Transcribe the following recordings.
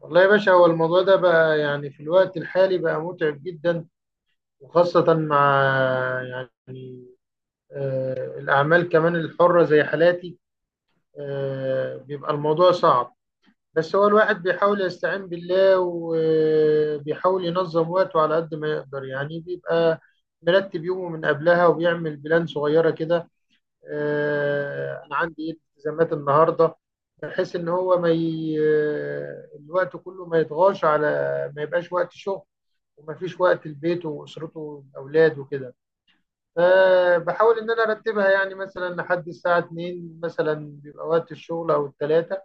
والله يا باشا، هو الموضوع ده بقى في الوقت الحالي بقى متعب جدا، وخاصة مع يعني الأعمال كمان الحرة زي حالاتي. بيبقى الموضوع صعب. بس هو الواحد بيحاول يستعين بالله وبيحاول ينظم وقته على قد ما يقدر. بيبقى مرتب يومه من قبلها وبيعمل بلان صغيرة كده. أنا عندي إيه التزامات النهاردة، بحيث إن هو ما ي... آه، الوقت كله ما يطغاش على، ما يبقاش وقت شغل ومفيش وقت لبيته واسرته والاولاد وكده. فبحاول ان انا ارتبها، يعني مثلا لحد الساعه 2 مثلا بيبقى وقت الشغل او الثلاثه،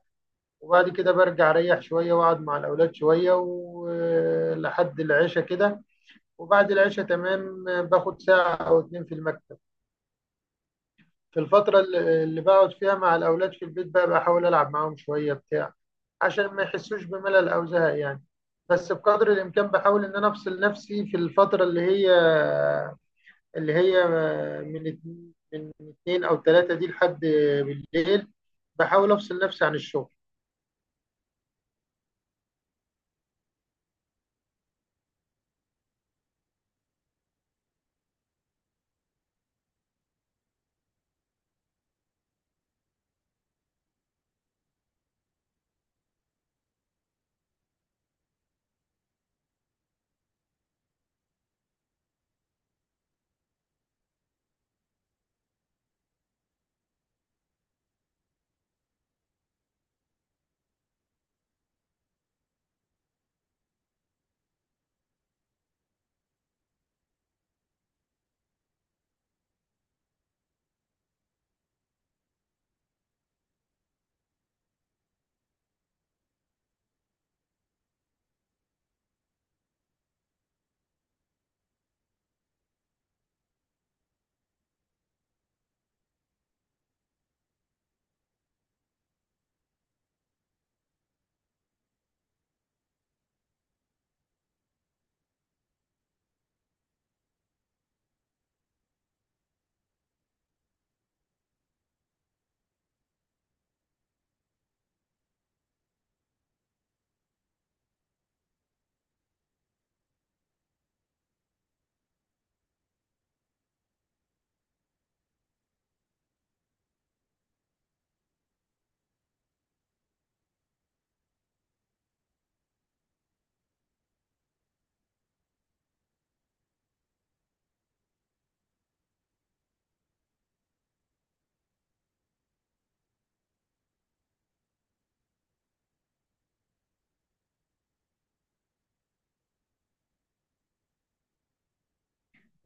وبعد كده برجع اريح شويه واقعد مع الاولاد شويه ولحد العشاء كده، وبعد العشاء تمام باخد ساعه او اتنين في المكتب. في الفتره اللي بقعد فيها مع الاولاد في البيت بقى بحاول العب معاهم شويه بتاع، عشان ما يحسوش بملل او زهق يعني. بس بقدر الامكان بحاول ان انا افصل نفسي في الفتره اللي هي، اللي هي من اتنين أو تلاتة دي لحد بالليل، بحاول أفصل نفسي عن الشغل.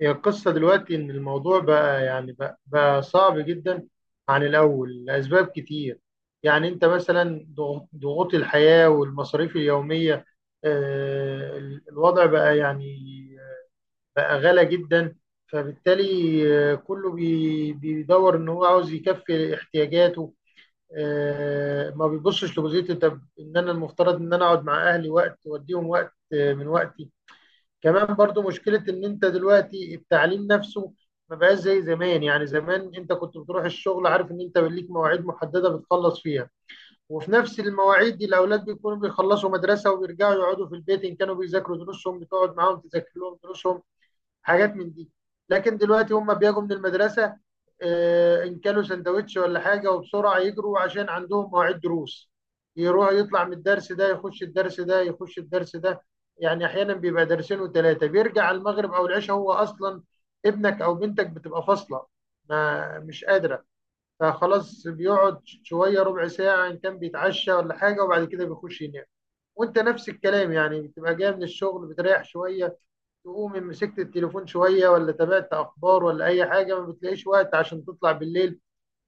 هي القصة دلوقتي إن الموضوع بقى بقى صعب جدا عن الأول لأسباب كتير. يعني أنت مثلا ضغوط الحياة والمصاريف اليومية، الوضع بقى بقى غالى جدا. فبالتالي كله بيدور إن هو عاوز يكفي احتياجاته. ما بيبصش لجزئيه، طب ان انا المفترض ان انا اقعد مع اهلي وقت واديهم وقت من وقتي. كمان برضو مشكله ان انت دلوقتي التعليم نفسه ما بقاش زي زمان. يعني زمان انت كنت بتروح الشغل عارف ان انت ليك مواعيد محدده بتخلص فيها، وفي نفس المواعيد دي الاولاد بيكونوا بيخلصوا مدرسه وبيرجعوا يقعدوا في البيت، ان كانوا بيذاكروا دروسهم بتقعد معاهم تذاكر لهم دروسهم، حاجات من دي. لكن دلوقتي هم بيجوا من المدرسه، ان كلوا سندوتش ولا حاجه وبسرعه يجروا عشان عندهم مواعيد دروس. يروح يطلع من الدرس ده يخش الدرس ده يخش الدرس ده. يعني احيانا بيبقى درسين وثلاثه، بيرجع على المغرب او العشاء. هو اصلا ابنك او بنتك بتبقى فاصله، ما مش قادره. فخلاص بيقعد شويه ربع ساعه ان كان بيتعشى ولا حاجه وبعد كده بيخش ينام. وانت نفس الكلام، يعني بتبقى جاي من الشغل بتريح شويه، تقوم مسكت التليفون شوية ولا تابعت أخبار ولا أي حاجة، ما بتلاقيش وقت عشان تطلع بالليل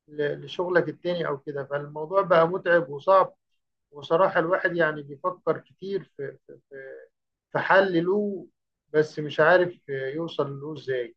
لشغلك التاني أو كده. فالموضوع بقى متعب وصعب. وصراحة الواحد يعني بيفكر كتير في، في حل له، بس مش عارف يوصل له إزاي.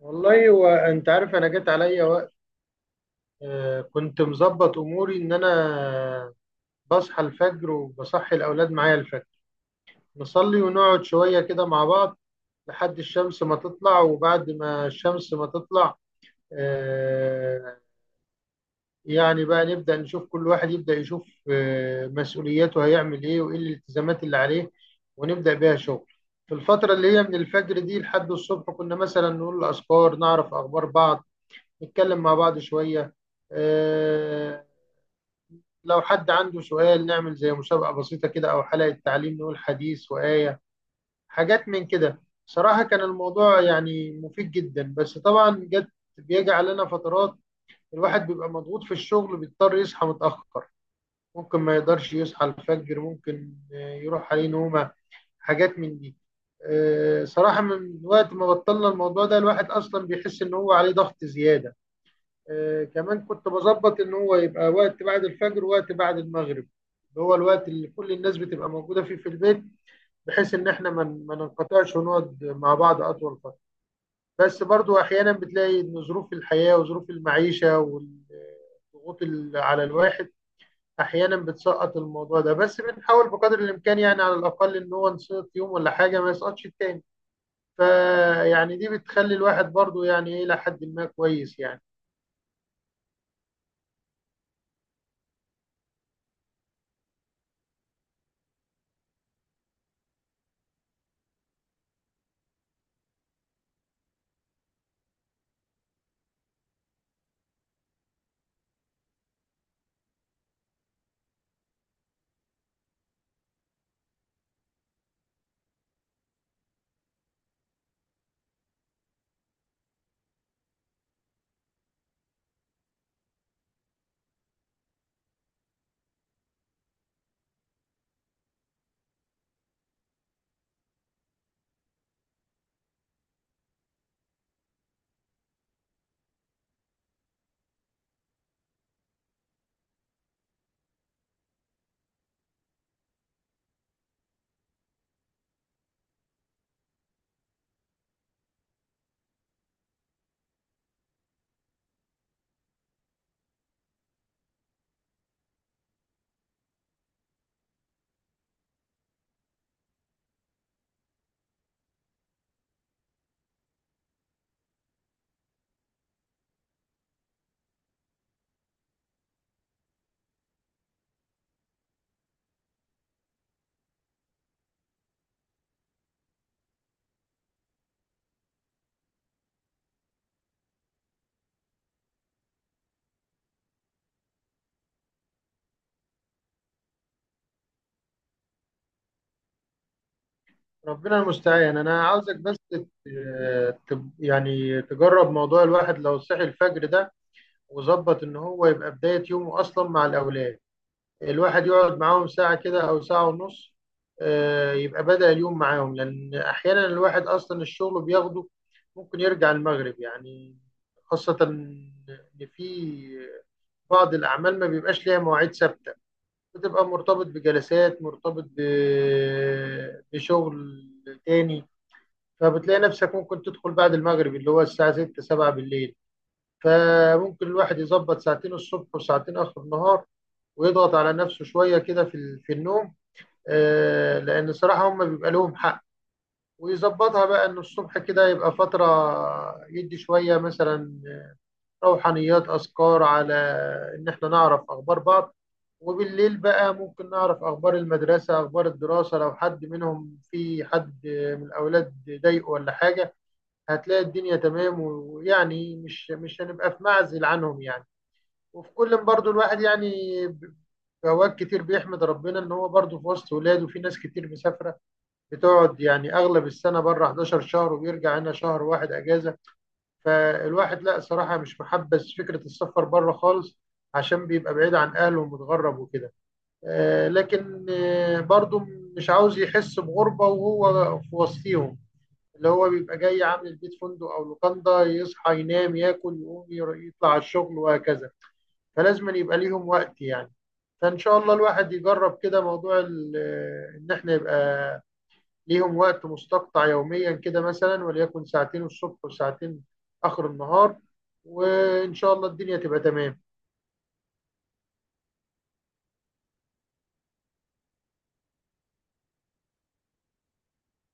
والله هو أنت عارف، أنا جت عليا وقت كنت مظبط أموري إن أنا بصحى الفجر وبصحي الأولاد معايا الفجر، نصلي ونقعد شوية كده مع بعض لحد الشمس ما تطلع. وبعد ما الشمس ما تطلع آه، يعني بقى نبدأ نشوف كل واحد يبدأ يشوف مسؤولياته، هيعمل إيه وإيه الالتزامات اللي عليه، ونبدأ بيها شغل. في الفترة اللي هي من الفجر دي لحد الصبح كنا مثلا نقول أذكار، نعرف أخبار بعض، نتكلم مع بعض شوية. آه، لو حد عنده سؤال نعمل زي مسابقة بسيطة كده أو حلقة تعليم نقول حديث وآية، حاجات من كده. صراحة كان الموضوع يعني مفيد جدا. بس طبعا جت، بيجي علينا فترات الواحد بيبقى مضغوط في الشغل بيضطر يصحى متأخر، ممكن ما يقدرش يصحى الفجر، ممكن يروح عليه نومة، حاجات من دي. صراحة من وقت ما بطلنا الموضوع ده الواحد أصلا بيحس إن هو عليه ضغط زيادة. كمان كنت بظبط إن هو يبقى وقت بعد الفجر ووقت بعد المغرب، اللي هو الوقت اللي كل الناس بتبقى موجودة فيه في البيت، بحيث إن إحنا ما ننقطعش ونقعد مع بعض أطول. بس برضو احيانا بتلاقي ان ظروف الحياه وظروف المعيشه والضغوط على الواحد احيانا بتسقط الموضوع ده. بس بنحاول بقدر الامكان، يعني على الاقل ان هو نسقط يوم ولا حاجه ما يسقطش التاني. فيعني دي بتخلي الواحد برضو يعني ايه الى حد ما كويس يعني. ربنا المستعان. انا عاوزك بس يعني تجرب موضوع الواحد لو صحي الفجر ده، وظبط ان هو يبقى بدايه يومه اصلا مع الاولاد. الواحد يقعد معاهم ساعة كده أو ساعة ونص، يبقى بدأ اليوم معاهم. لأن أحيانا الواحد أصلا الشغل بياخده ممكن يرجع المغرب يعني، خاصة إن في بعض الأعمال ما بيبقاش ليها مواعيد ثابتة، بتبقى مرتبط بجلسات، مرتبط بشغل تاني. فبتلاقي نفسك ممكن تدخل بعد المغرب، اللي هو الساعة 6 7 بالليل. فممكن الواحد يظبط ساعتين الصبح وساعتين آخر النهار، ويضغط على نفسه شوية كده في في النوم، لأن صراحة هم بيبقى لهم حق. ويظبطها بقى إن الصبح كده يبقى فترة يدي شوية مثلا روحانيات، أذكار، على إن إحنا نعرف أخبار بعض. وبالليل بقى ممكن نعرف أخبار المدرسة، أخبار الدراسة، لو حد منهم، في حد من الأولاد ضايقه ولا حاجة. هتلاقي الدنيا تمام، ويعني مش هنبقى في معزل عنهم يعني. وفي كل، برضو الواحد يعني ب- في اوقات كتير بيحمد ربنا ان هو برضو في وسط ولاده. في ناس كتير مسافره بتقعد يعني اغلب السنه بره 11 شهر وبيرجع هنا شهر واحد اجازه. فالواحد لا صراحه مش محبس فكره السفر بره خالص، عشان بيبقى بعيد عن اهله ومتغرب وكده. لكن برضو مش عاوز يحس بغربه وهو في وسطيهم، اللي هو بيبقى جاي عامل البيت فندق او لوكاندا، يصحى ينام ياكل يقوم يطلع على الشغل وهكذا. فلازم أن يبقى ليهم وقت يعني. فإن شاء الله الواحد يجرب كده موضوع إن إحنا يبقى ليهم وقت مستقطع يوميا كده مثلا، وليكن ساعتين الصبح وساعتين آخر النهار، وإن شاء الله الدنيا تبقى تمام.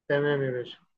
تمام يا باشا.